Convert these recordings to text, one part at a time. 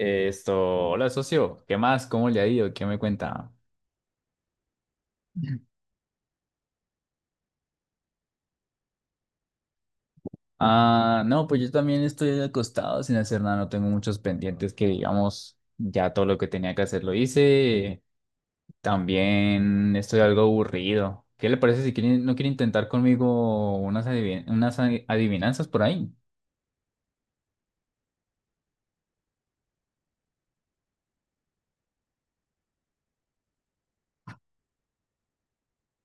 Hola socio, ¿qué más? ¿Cómo le ha ido? ¿Qué me cuenta? Ah, no, pues yo también estoy acostado sin hacer nada, no tengo muchos pendientes que digamos, ya todo lo que tenía que hacer lo hice. También estoy algo aburrido. ¿Qué le parece si no quiere intentar conmigo unas, adivi- unas adi- adivinanzas por ahí?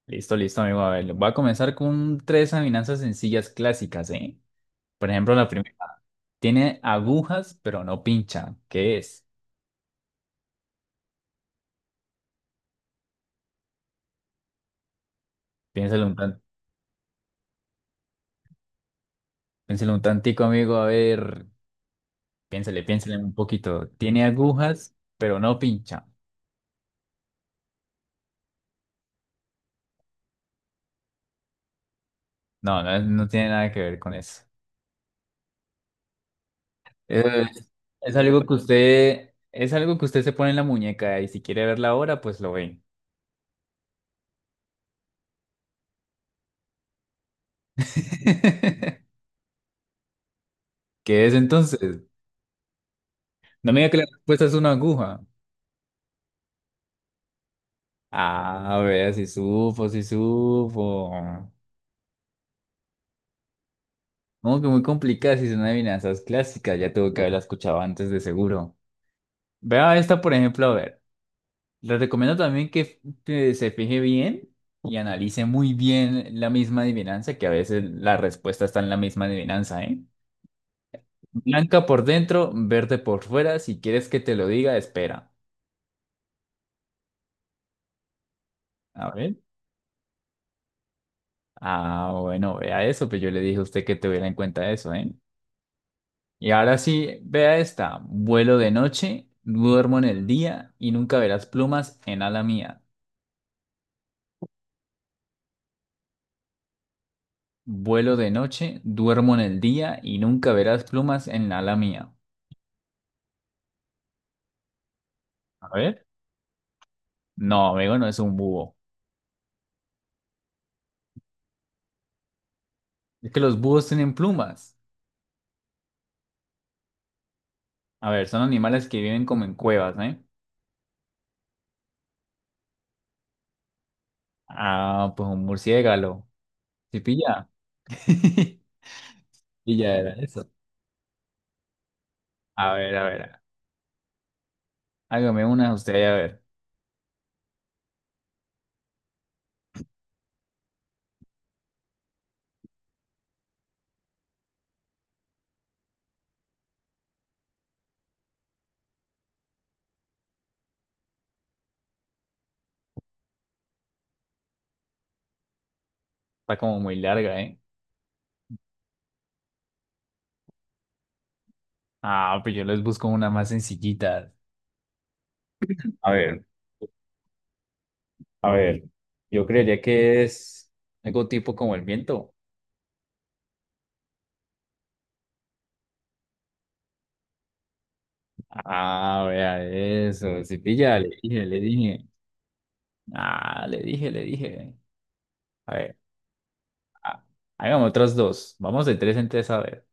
Listo, listo, amigo. A ver, voy a comenzar con tres adivinanzas sencillas clásicas, ¿eh? Por ejemplo, la primera. Tiene agujas, pero no pincha. ¿Qué es? Piénsalo un tanto. Piénsele un tantico, amigo, a ver, piénsele, piénsele un poquito. Tiene agujas, pero no pincha. No, no, no tiene nada que ver con eso. Eh, es algo que usted se pone en la muñeca y si quiere verla ahora, pues lo ve. ¿Qué es entonces? No me diga que la respuesta es una aguja. Ah, vea, si supo, si supo. Como que muy complicada si son adivinanzas clásicas, ya tuvo que haberla escuchado antes de seguro. Vea esta, por ejemplo, a ver. Le recomiendo también que se fije bien y analice muy bien la misma adivinanza, que a veces la respuesta está en la misma adivinanza, ¿eh? Blanca por dentro, verde por fuera. Si quieres que te lo diga, espera. A ver. Ah, bueno, vea eso, pero yo le dije a usted que tuviera en cuenta eso, ¿eh? Y ahora sí, vea esta. Vuelo de noche, duermo en el día y nunca verás plumas en ala mía. Vuelo de noche, duermo en el día y nunca verás plumas en ala mía. A ver. No, amigo, no es un búho. Es que los búhos tienen plumas. A ver, son animales que viven como en cuevas, ¿eh? Ah, pues un murciélago. ¿Sí pilla? Y ya era eso. A ver, a ver. Hágame una usted, a ver. Está como muy larga, ¿eh? Ah, pues yo les busco una más sencillita. A ver, a ver. Yo creería que es algo tipo como el viento. Ah, vea eso. Sí pilla, le dije, le dije. Ah, le dije, le dije. A ver. Ah, hagamos otras dos. Vamos de tres en tres a ver.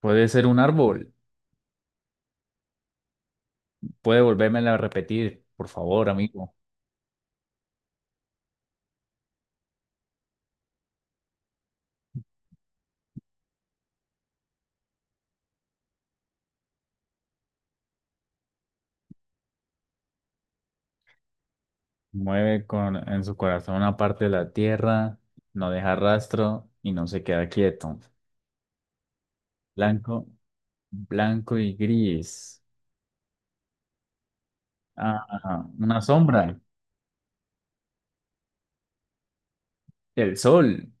Puede ser un árbol. Puede volvérmela a repetir, por favor, amigo. Mueve con, en su corazón una parte de la tierra, no deja rastro y no se queda quieto. Blanco, blanco y gris. Ah, ajá, una sombra. El sol,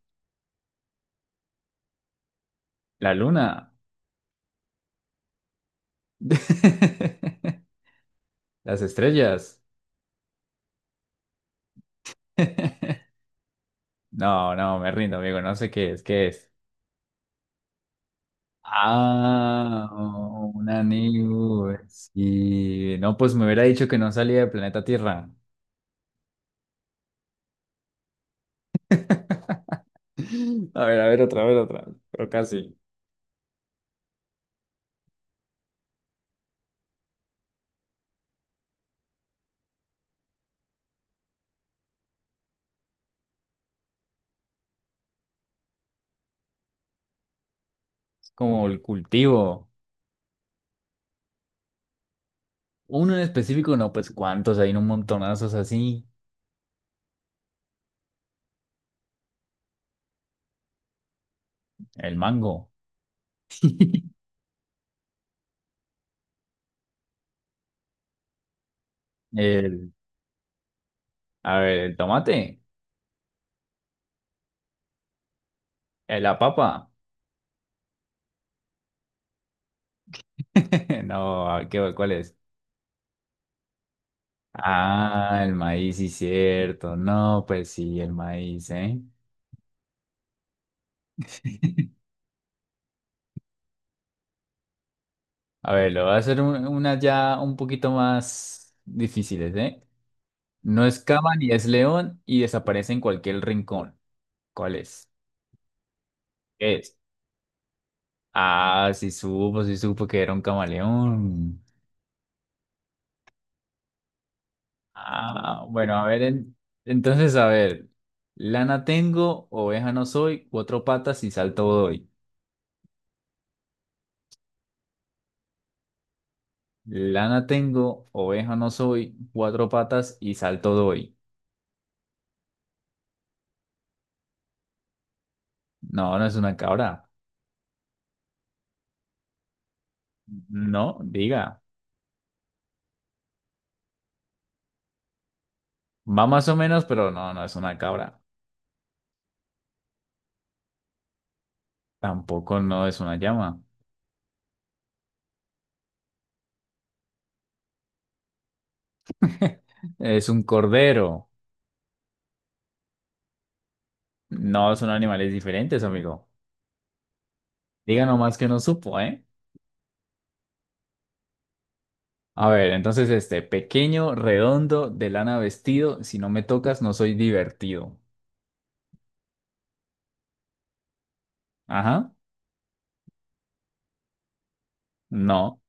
la luna, las estrellas. No, no, me rindo, amigo. No sé qué es, qué es. Ah, una nube. Sí. No, pues me hubiera dicho que no salía del planeta Tierra. A ver, otra, a ver, otra. Pero casi. Es como el cultivo. Uno en específico, no, pues cuántos, hay un montonazos así. El mango. El, a ver, el tomate. La papa. No, a ver, ¿qué, cuál es? Ah, el maíz, sí, cierto. No, pues sí, el maíz, ¿eh? A ver, lo voy a hacer unas ya un poquito más difíciles, ¿eh? No es cama ni es león y desaparece en cualquier rincón. ¿Cuál es? ¿Qué es? Ah, sí supo que era un camaleón. Ah, bueno, a ver, entonces, a ver. Lana tengo, oveja no soy, cuatro patas y salto doy. Lana tengo, oveja no soy, cuatro patas y salto doy. No, no es una cabra. No, diga. Va más o menos, pero no, no es una cabra. Tampoco no es una llama. Es un cordero. No son animales diferentes, amigo. Diga nomás que no supo, ¿eh? A ver, entonces este, pequeño, redondo, de lana vestido, si no me tocas no soy divertido. Ajá, no,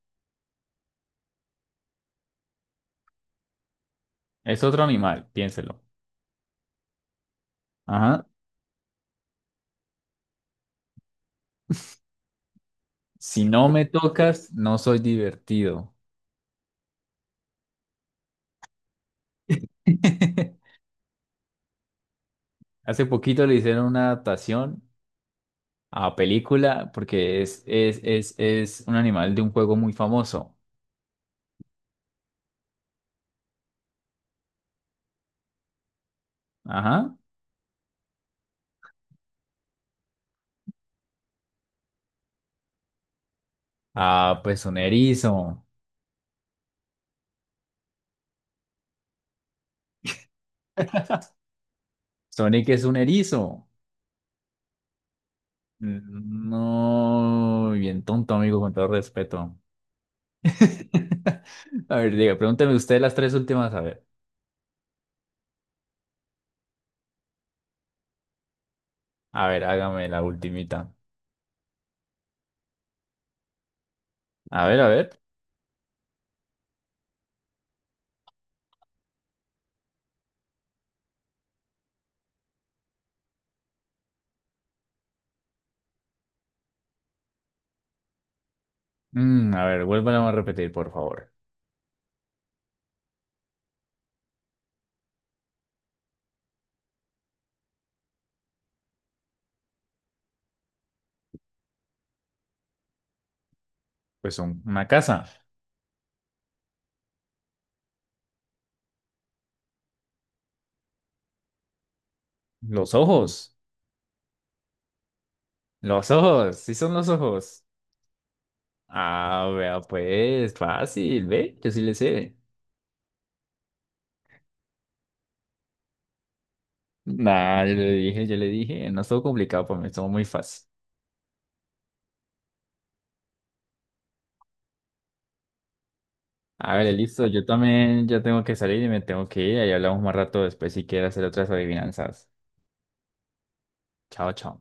es otro animal, piénselo. Ajá, si no me tocas no soy divertido. Hace poquito le hicieron una adaptación a película, porque es un animal de un juego muy famoso. Ajá. Ah, pues un erizo. Sonic es un erizo. Mm, no, bien tonto, amigo, con todo respeto. A ver, diga, pregúnteme usted las tres últimas, a ver. A ver, hágame la ultimita. A ver, a ver. A ver, vuélvala a repetir, por favor. Pues una casa. Los ojos. Los ojos. Sí son los ojos. Ah, vea, pues, fácil, ve, yo sí le sé. Nah, yo le dije, no estuvo complicado para mí, estuvo muy fácil. A ver, listo, yo también ya tengo que salir y me tengo que ir, ahí hablamos más rato después si quieres hacer otras adivinanzas. Chao, chao.